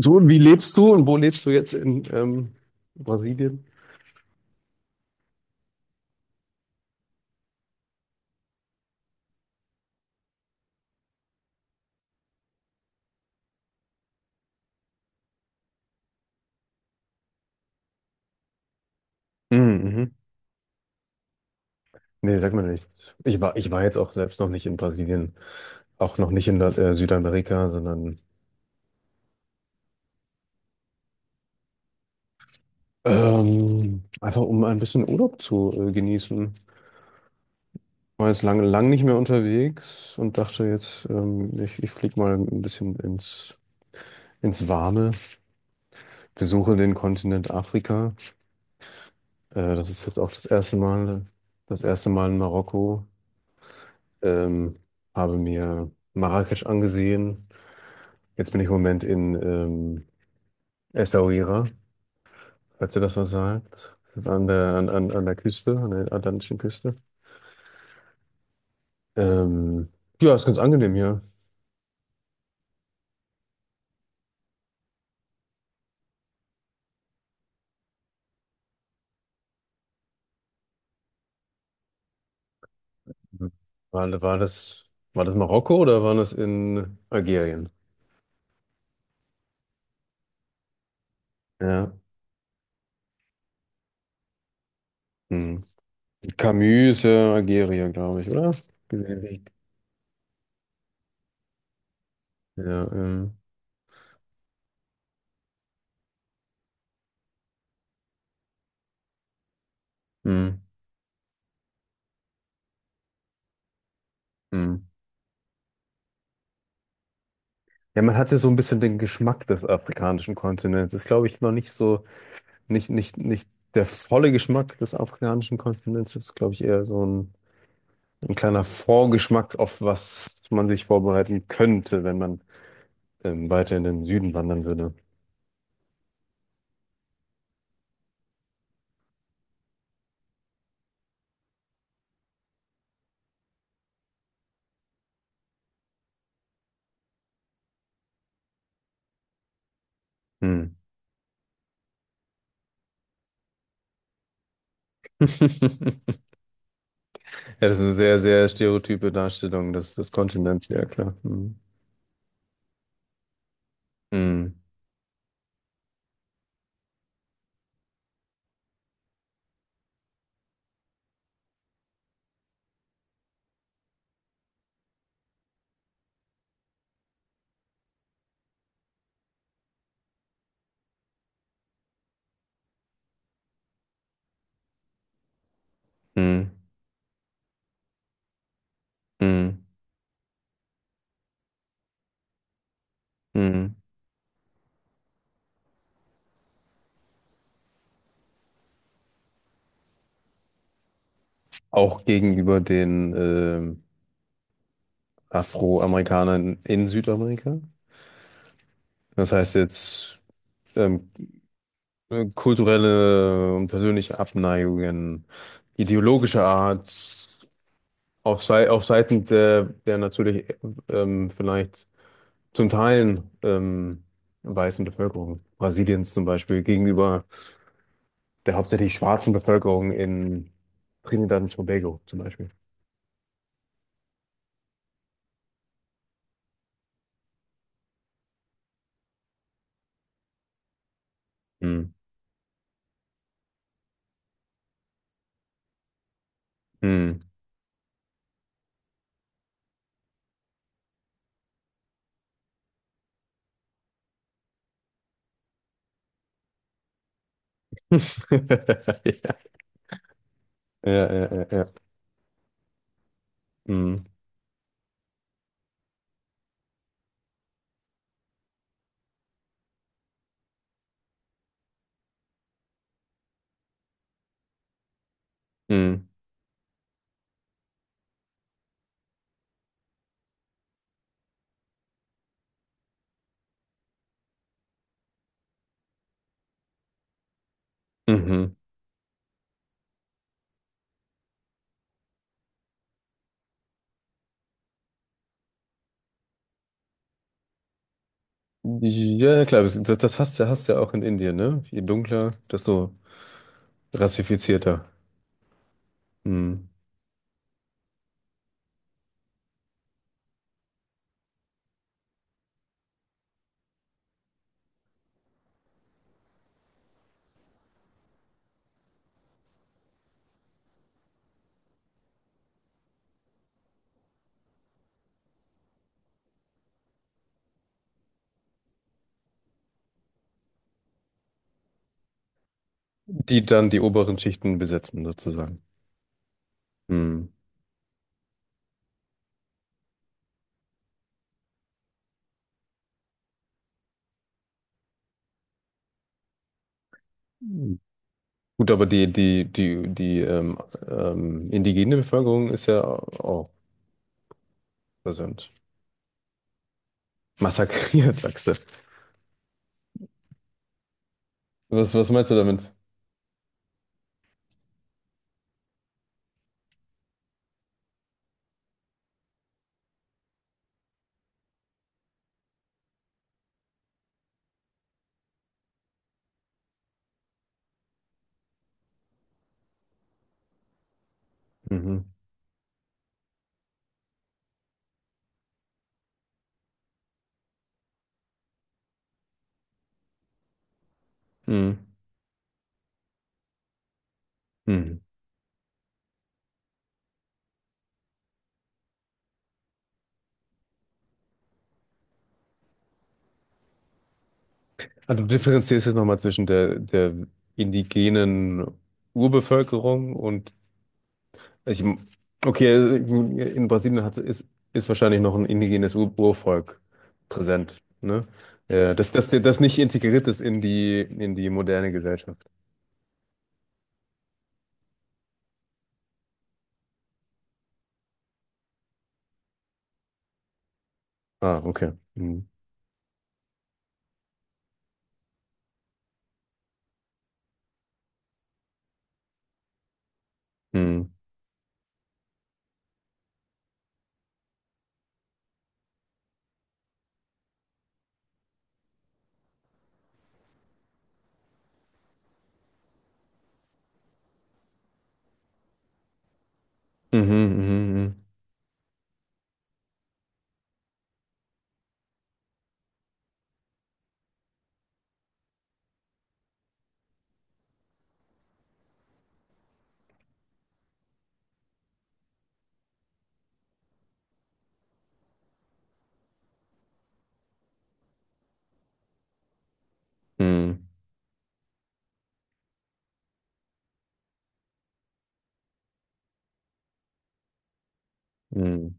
So, wie lebst du und wo lebst du jetzt in Brasilien? Mhm, mhm. Nee, sag mal nichts. Ich war jetzt auch selbst noch nicht in Brasilien, auch noch nicht in Südamerika, sondern einfach um ein bisschen Urlaub zu genießen. War jetzt lang nicht mehr unterwegs und dachte jetzt, ich flieg mal ein bisschen ins Warme, besuche den Kontinent Afrika. Das ist jetzt auch das erste Mal in Marokko. Ähm, Habe mir Marrakesch angesehen. Jetzt bin ich im Moment in Essaouira, falls ihr das was sagt. Das ist an der Küste, an der atlantischen Küste. Ähm, ja, ist ganz angenehm hier. War, war das, war das Marokko oder war das in Algerien? Ja. Hm. Camus, ist ja Algerien, glaube ich, oder? Ja, hm, hm. Ja, man hatte so ein bisschen den Geschmack des afrikanischen Kontinents. Ist, glaube ich, noch nicht so nicht der volle Geschmack des afrikanischen Kontinents, ist, glaube ich, eher so ein kleiner Vorgeschmack auf was man sich vorbereiten könnte, wenn man weiter in den Süden wandern würde. Hm. Ja, das ist eine sehr, sehr stereotype Darstellung des, des Kontinents, ja klar. Hm. Hm. Hm. Hm. Hm. Auch gegenüber den Afroamerikanern in Südamerika. Das heißt jetzt ähm, kulturelle und persönliche Abneigungen, ideologischer Art, sei auf Seiten der, der natürlich vielleicht zum Teil weißen Bevölkerung Brasiliens zum Beispiel gegenüber der hauptsächlich schwarzen Bevölkerung in Trinidad und Tobago zum Beispiel. Hm. Hm. Ja, ja, ja, ja, ja. Hm. Hm. Mhm. Ja, klar, das, das hast, hast du ja auch in Indien, ne? Je dunkler, desto rassifizierter. Hm. Die dann die oberen Schichten besetzen, sozusagen. Hm. Gut, aber die indigene Bevölkerung ist ja auch präsent. Massakriert, sagst du. Was, was meinst du damit? Mhm. Mhm. Mhm. Also du differenzierst jetzt nochmal zwischen der indigenen Urbevölkerung und ich, okay, in Brasilien ist wahrscheinlich noch ein indigenes Ur Urvolk präsent, ne? Ja, das nicht integriert ist in in die moderne Gesellschaft. Ah, okay. Mhm. Mhm. Mhm, mhm, mhm, mhm,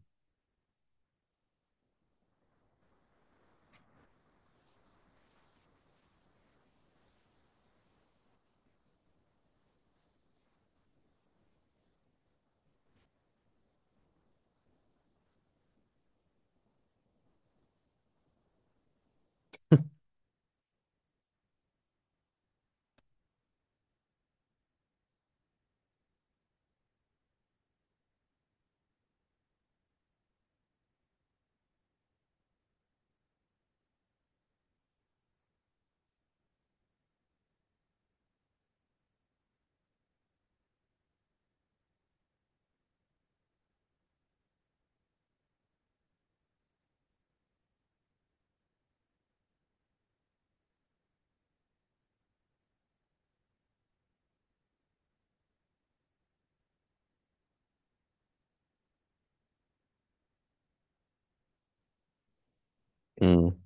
mhm,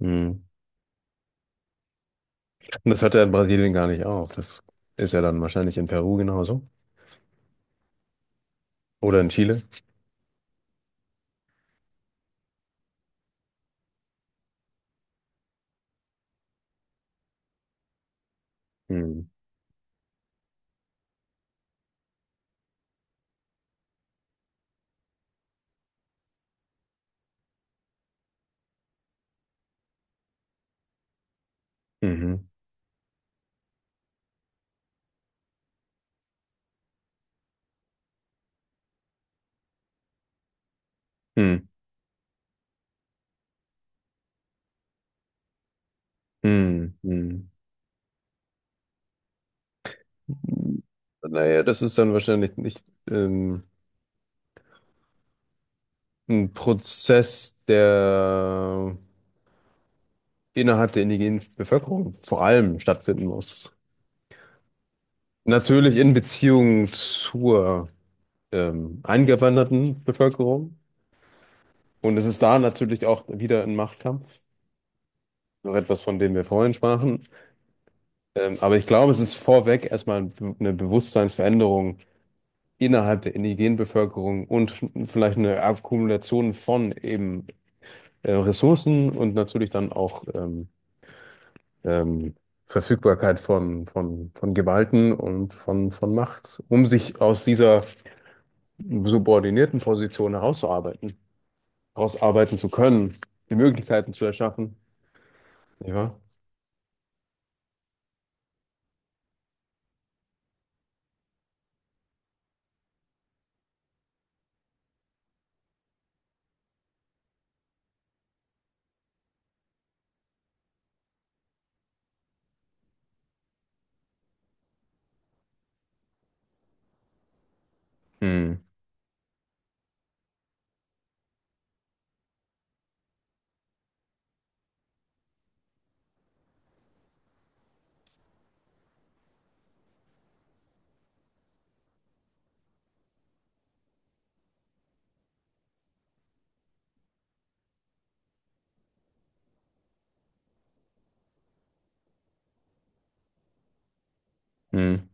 mhm. Und das hört ja in Brasilien gar nicht auf. Das ist ja dann wahrscheinlich in Peru genauso. Oder in Chile. Mhm. Mhm. Mhm. Mhm. Mhm. Naja, das ist dann wahrscheinlich nicht. Ähm, Ein Prozess, der innerhalb der indigenen Bevölkerung vor allem stattfinden muss. Natürlich in Beziehung zur eingewanderten Bevölkerung. Und es ist da natürlich auch wieder ein Machtkampf. Noch etwas, von dem wir vorhin sprachen. Aber ich glaube, es ist vorweg erstmal ein eine Bewusstseinsveränderung innerhalb der indigenen Bevölkerung und vielleicht eine Akkumulation von eben Ressourcen und natürlich dann auch ähm, Verfügbarkeit von Gewalten und von Macht, um sich aus dieser subordinierten Position herauszuarbeiten, herausarbeiten zu können, die Möglichkeiten zu erschaffen. Ja, wahr? Hm, hm,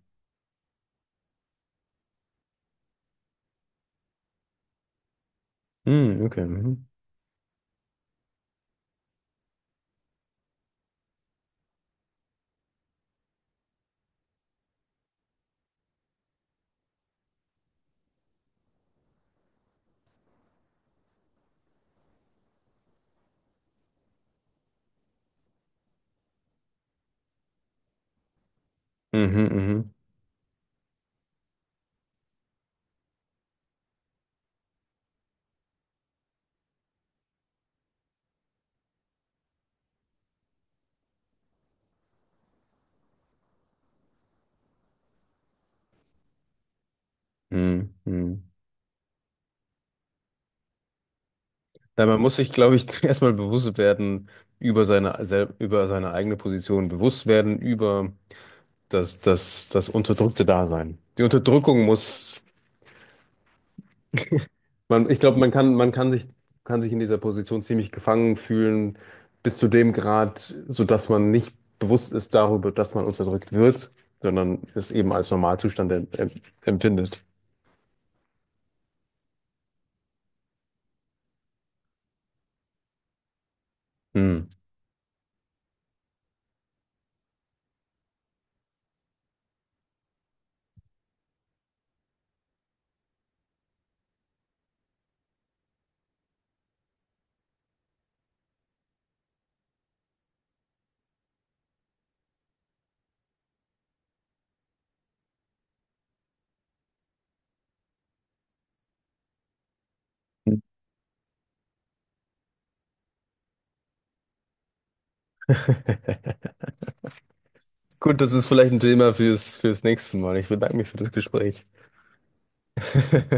hm, okay. Mhm, mhm, mhm, mhm, mhm. Ja, man muss sich, glaube ich, erstmal bewusst werden, über seine eigene Position bewusst werden, über das unterdrückte Dasein. Die Unterdrückung muss man, ich glaube, man kann sich in dieser Position ziemlich gefangen fühlen, bis zu dem Grad, sodass man nicht bewusst ist darüber, dass man unterdrückt wird, sondern es eben als Normalzustand empfindet. Hm. Gut, das ist vielleicht ein Thema fürs nächste Mal. Ich bedanke mich für das Gespräch.